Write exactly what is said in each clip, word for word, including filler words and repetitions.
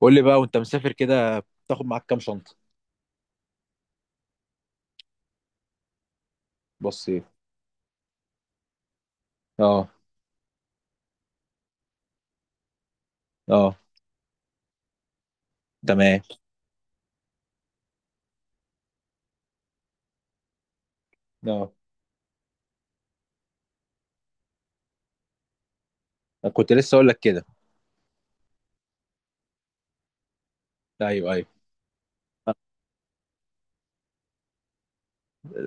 قول لي بقى وانت مسافر كده، بتاخد معاك كام شنطه؟ بص ايه؟ اه. اه، تمام. اه. كنت لسه اقول لك كده. ايوه، ايوه.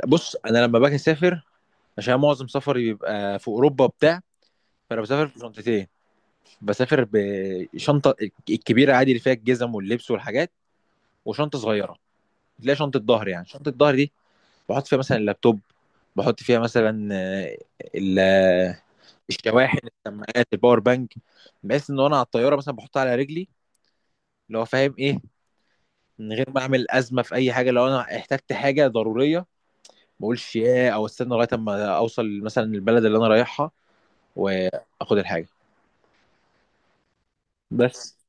بص، انا لما باجي اسافر، عشان معظم سفري بيبقى في اوروبا بتاع، فانا بسافر بشنطتين. بسافر بشنطه الكبيره عادي، اللي فيها الجزم واللبس والحاجات، وشنطه صغيره تلاقي شنطه ظهر، يعني شنطه ظهر دي بحط فيها مثلا اللابتوب، بحط فيها مثلا آه، ال- آه، الشواحن، السماعات، الباور بانك. بحيث ان انا على الطياره مثلا بحطها على رجلي، اللي هو فاهم ايه، من غير ما اعمل ازمه في اي حاجه. لو انا احتجت حاجه ضروريه، ما اقولش ياه او استنى لغايه اما اوصل مثلا البلد اللي انا رايحها واخد الحاجه. بس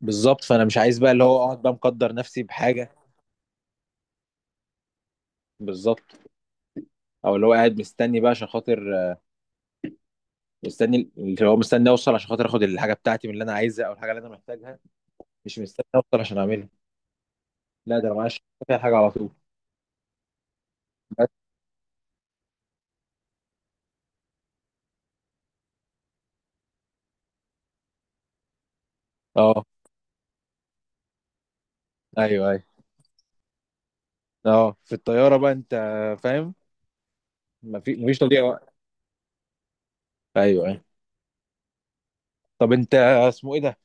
بالظبط، فانا مش عايز بقى اللي هو اقعد بقى مقدر نفسي بحاجه. بالظبط، او اللي هو قاعد مستني بقى عشان خاطر، مستني اللي هو مستني اوصل عشان خاطر اخد الحاجه بتاعتي من اللي انا عايزها، او الحاجه اللي انا محتاجها. مش مستني اوصل عشان اعملها. لا، ده انا معايا فيها الحاجه على طول. بس. اه، ايوه ايوه. اه، في الطياره بقى انت، فاهم، ما في مفيش تضييع وقت. ايوه، ايوه. طب انت، اسمه ايه ده،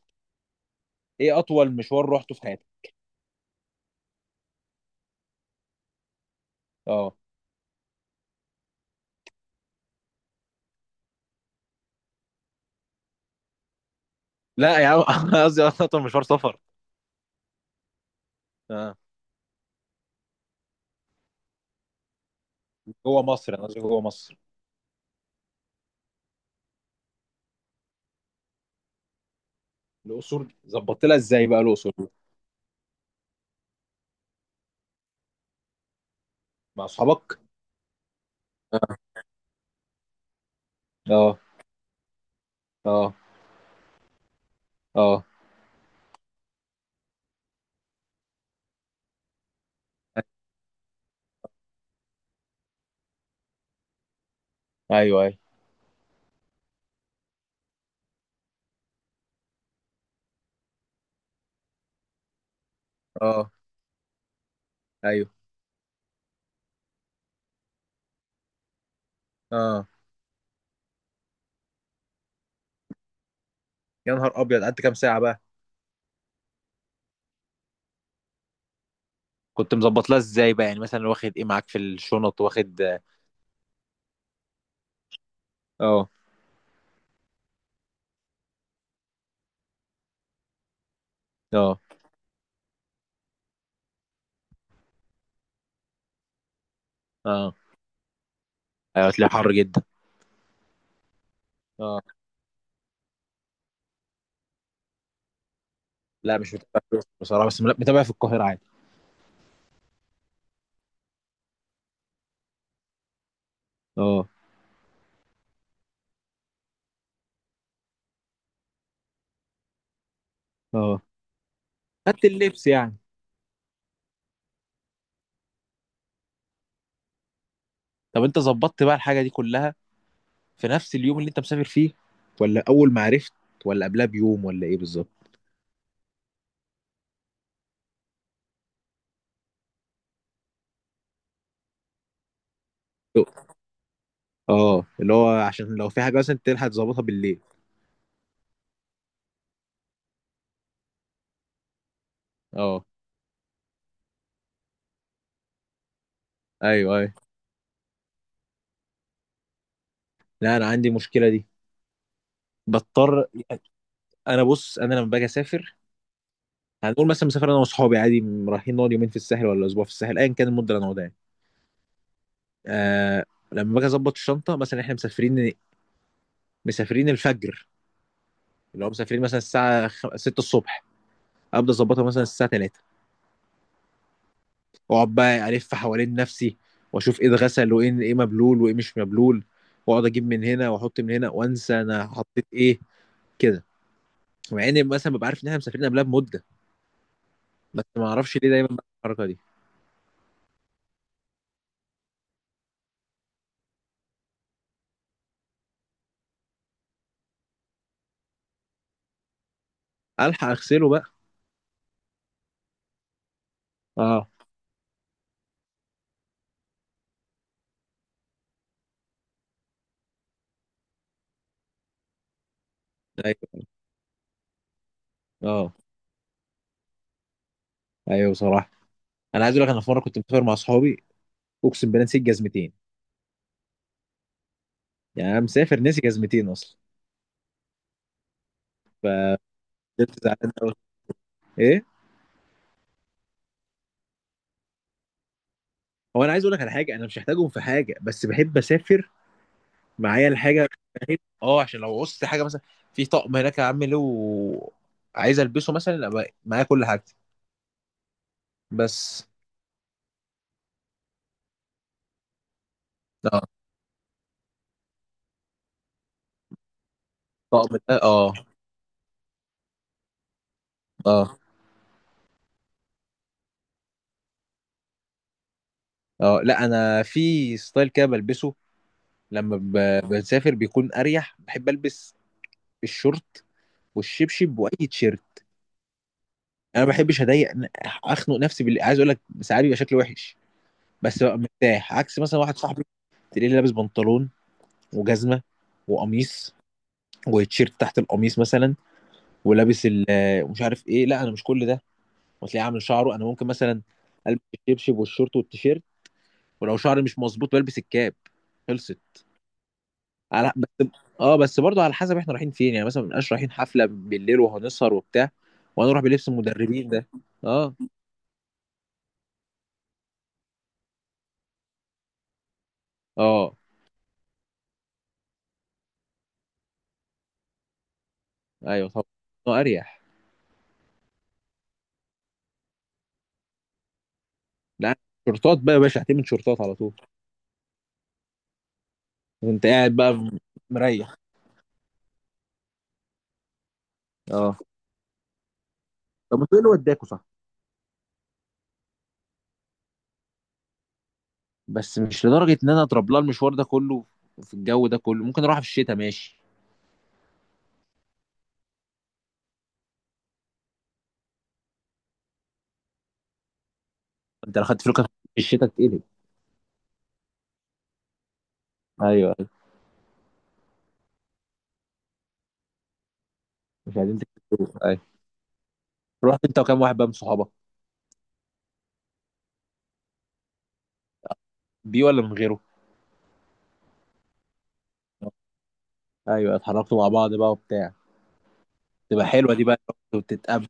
ايه اطول مشوار رحته في حياتك؟ اه. لا يا عم، أنا قصدي اصلا مشوار سفر. اه، جوه مصر، انا قصدي جوه مصر. الاقصر ظبطت لها ازاي بقى الاقصر دي؟ مع اصحابك. اه. اه. اه. ايوه، ايوه. اه. ايوه. اه. يا نهار ابيض، قعدت كام ساعه بقى؟ كنت مظبط لها ازاي بقى، يعني مثلا واخد ايه معاك في الشنط، واخد اه. اه. اه. ايوه، هتلاقي حر جدا. اه. لا، مش متابع في الأقصر بصراحه، بس متابع في القاهره عادي. اه. اه. خدت اللبس يعني. طب انت ظبطت بقى الحاجه دي كلها في نفس اليوم اللي انت مسافر فيه، ولا اول ما عرفت، ولا قبلها بيوم، ولا ايه بالظبط؟ اه، اللي هو عشان لو في حاجه مثلا تلحق تظبطها بالليل. اه، ايوه ايوه. لا، انا عندي المشكله دي، بضطر. انا بص، انا لما باجي اسافر، هنقول مثلا مسافر انا واصحابي عادي، م- رايحين نقعد يومين في الساحل ولا اسبوع في الساحل، ايا كان المده اللي هنقعدها يعني. آه لما باجي اظبط الشنطه، مثلا احنا مسافرين مسافرين الفجر، اللي هو مسافرين مثلا الساعه خ- ستة الصبح، ابدا اظبطها مثلا الساعه التالته، واقعد بقى الف حوالين نفسي، واشوف ايه اتغسل وايه ايه مبلول وايه مش مبلول، واقعد اجيب من هنا واحط من هنا وانسى انا حطيت ايه، كده. مع اني مثلا ببقى عارف ان احنا مسافرين قبلها بمده، بس ما اعرفش ليه دايما بعمل الحركه دي. الحق اغسله بقى. اه. ايوه. اه، ايوه بصراحه. انا عايز اقول لك، انا في مره كنت مسافر مع اصحابي، اقسم بالله نسيت جزمتين. يعني انا مسافر ناسي جزمتين اصلا. فكنت زعلان قوي. ايه؟ هو انا عايز اقول لك على حاجه، انا مش محتاجهم في حاجه، بس بحب اسافر معايا الحاجه. فاهم؟ اه، عشان لو قصت حاجه مثلا، في طقم هناك يا عم له عايز البسه مثلا، أبقى معايا كل حاجتي. بس. اه، الطقم ده. اه. اه. اه. لا انا في ستايل كده بلبسه لما ب- بسافر، بيكون اريح. بحب البس الشورت والشبشب واي تيشيرت. انا ما بحبش اضايق ن- اخنق نفسي بال... عايز اقول لك ساعات بيبقى شكلي وحش، بس ببقى مرتاح. عكس مثلا واحد صاحبي، تلاقيه لابس بنطلون وجزمه وقميص وتيشيرت تحت القميص مثلا، ولابس ال- ومش عارف ايه. لا، انا مش كل ده. وتلاقيه عامل شعره. انا ممكن مثلا البس الشبشب والشورت والتيشيرت، ولو شعري مش مظبوط بلبس الكاب. خلصت. على بس. اه، بس برضه على حسب احنا رايحين فين. يعني مثلا، ما بنبقاش رايحين حفله بالليل وهنسهر وبتاع وانا اروح بلبس المدربين ده. اه. اه. ايوه طبعا. آه، اريح. لا، شورتات بقى يا باشا. هتعمل شورتات على طول. وانت قاعد بقى، م- مريح. اه. طب ما تقول له وداكوا، صح. بس مش لدرجه ان انا اضرب لها المشوار ده كله في الجو ده كله. ممكن اروح في الشتاء ماشي. انت لو خدت فلوس في الشتاء تتقلب. ايوه، ايوه. مش عايزين تكتبوا ايوه. رحت انت وكام واحد بقى من صحابك؟ بيه ولا من غيره؟ ايوه، اتحركتوا مع بعض بقى وبتاع. تبقى حلوه دي بقى، انتوا بتتقابلوا.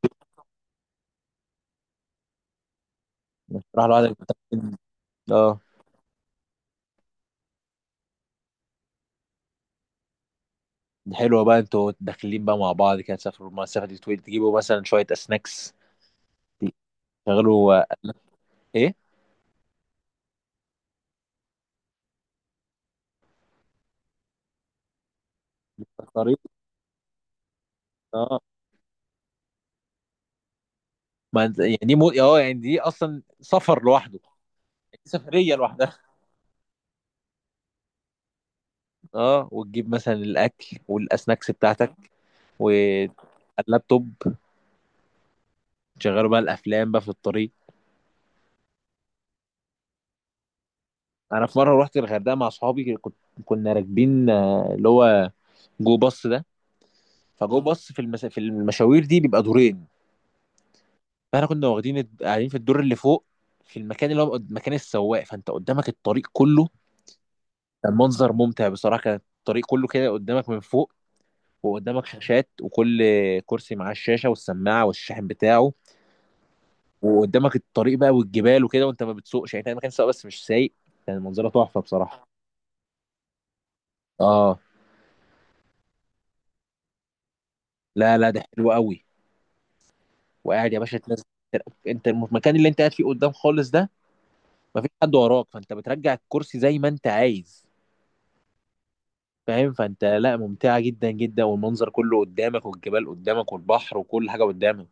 مش راح لوحدك بتاكل- اه. دي حلوه بقى، انتوا داخلين بقى مع بعض كده، تسافروا المسافه دي طويل، تجيبوا مثلا شويه سناكس، تشغلوا آه، ايه، الطريق. اه. ما انت- يعني دي مو... اه يعني دي اصلا سفر لوحده. يعني دي سفريه لوحدها. اه، وتجيب مثلا الاكل والسناكس بتاعتك واللابتوب، شغلوا بقى الافلام بقى في الطريق. انا في مره رحت الغردقه مع اصحابي، كنت كنا راكبين آه، اللي هو جو باص ده. فجو باص في المس... في المشاوير دي بيبقى دورين، فاحنا كنا واخدين الد- قاعدين في الدور اللي فوق، في المكان اللي هو قد- مكان السواق، فانت قدامك الطريق كله. كان منظر ممتع بصراحه. كان الطريق كله كده قدامك من فوق، وقدامك شاشات، وكل كرسي معاه الشاشه والسماعه والشاحن بتاعه، وقدامك الطريق بقى والجبال وكده، وانت ما بتسوقش، يعني كان مكان سواق بس مش سايق. كان منظره تحفه بصراحه. اه، لا لا، ده حلو قوي. وقاعد يا باشا تنزل. انت المكان اللي انت قاعد فيه قدام خالص ده، مفيش حد وراك، فانت بترجع الكرسي زي ما انت عايز. فاهم؟ فانت لا، ممتعة جدا جدا، والمنظر كله قدامك، والجبال قدامك، والبحر وكل حاجة قدامك.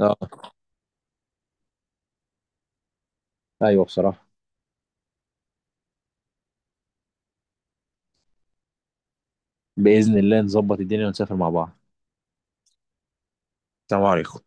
اه، ايوه بصراحة. بإذن الله نظبط الدنيا ونسافر مع بعض. السلام عليكم.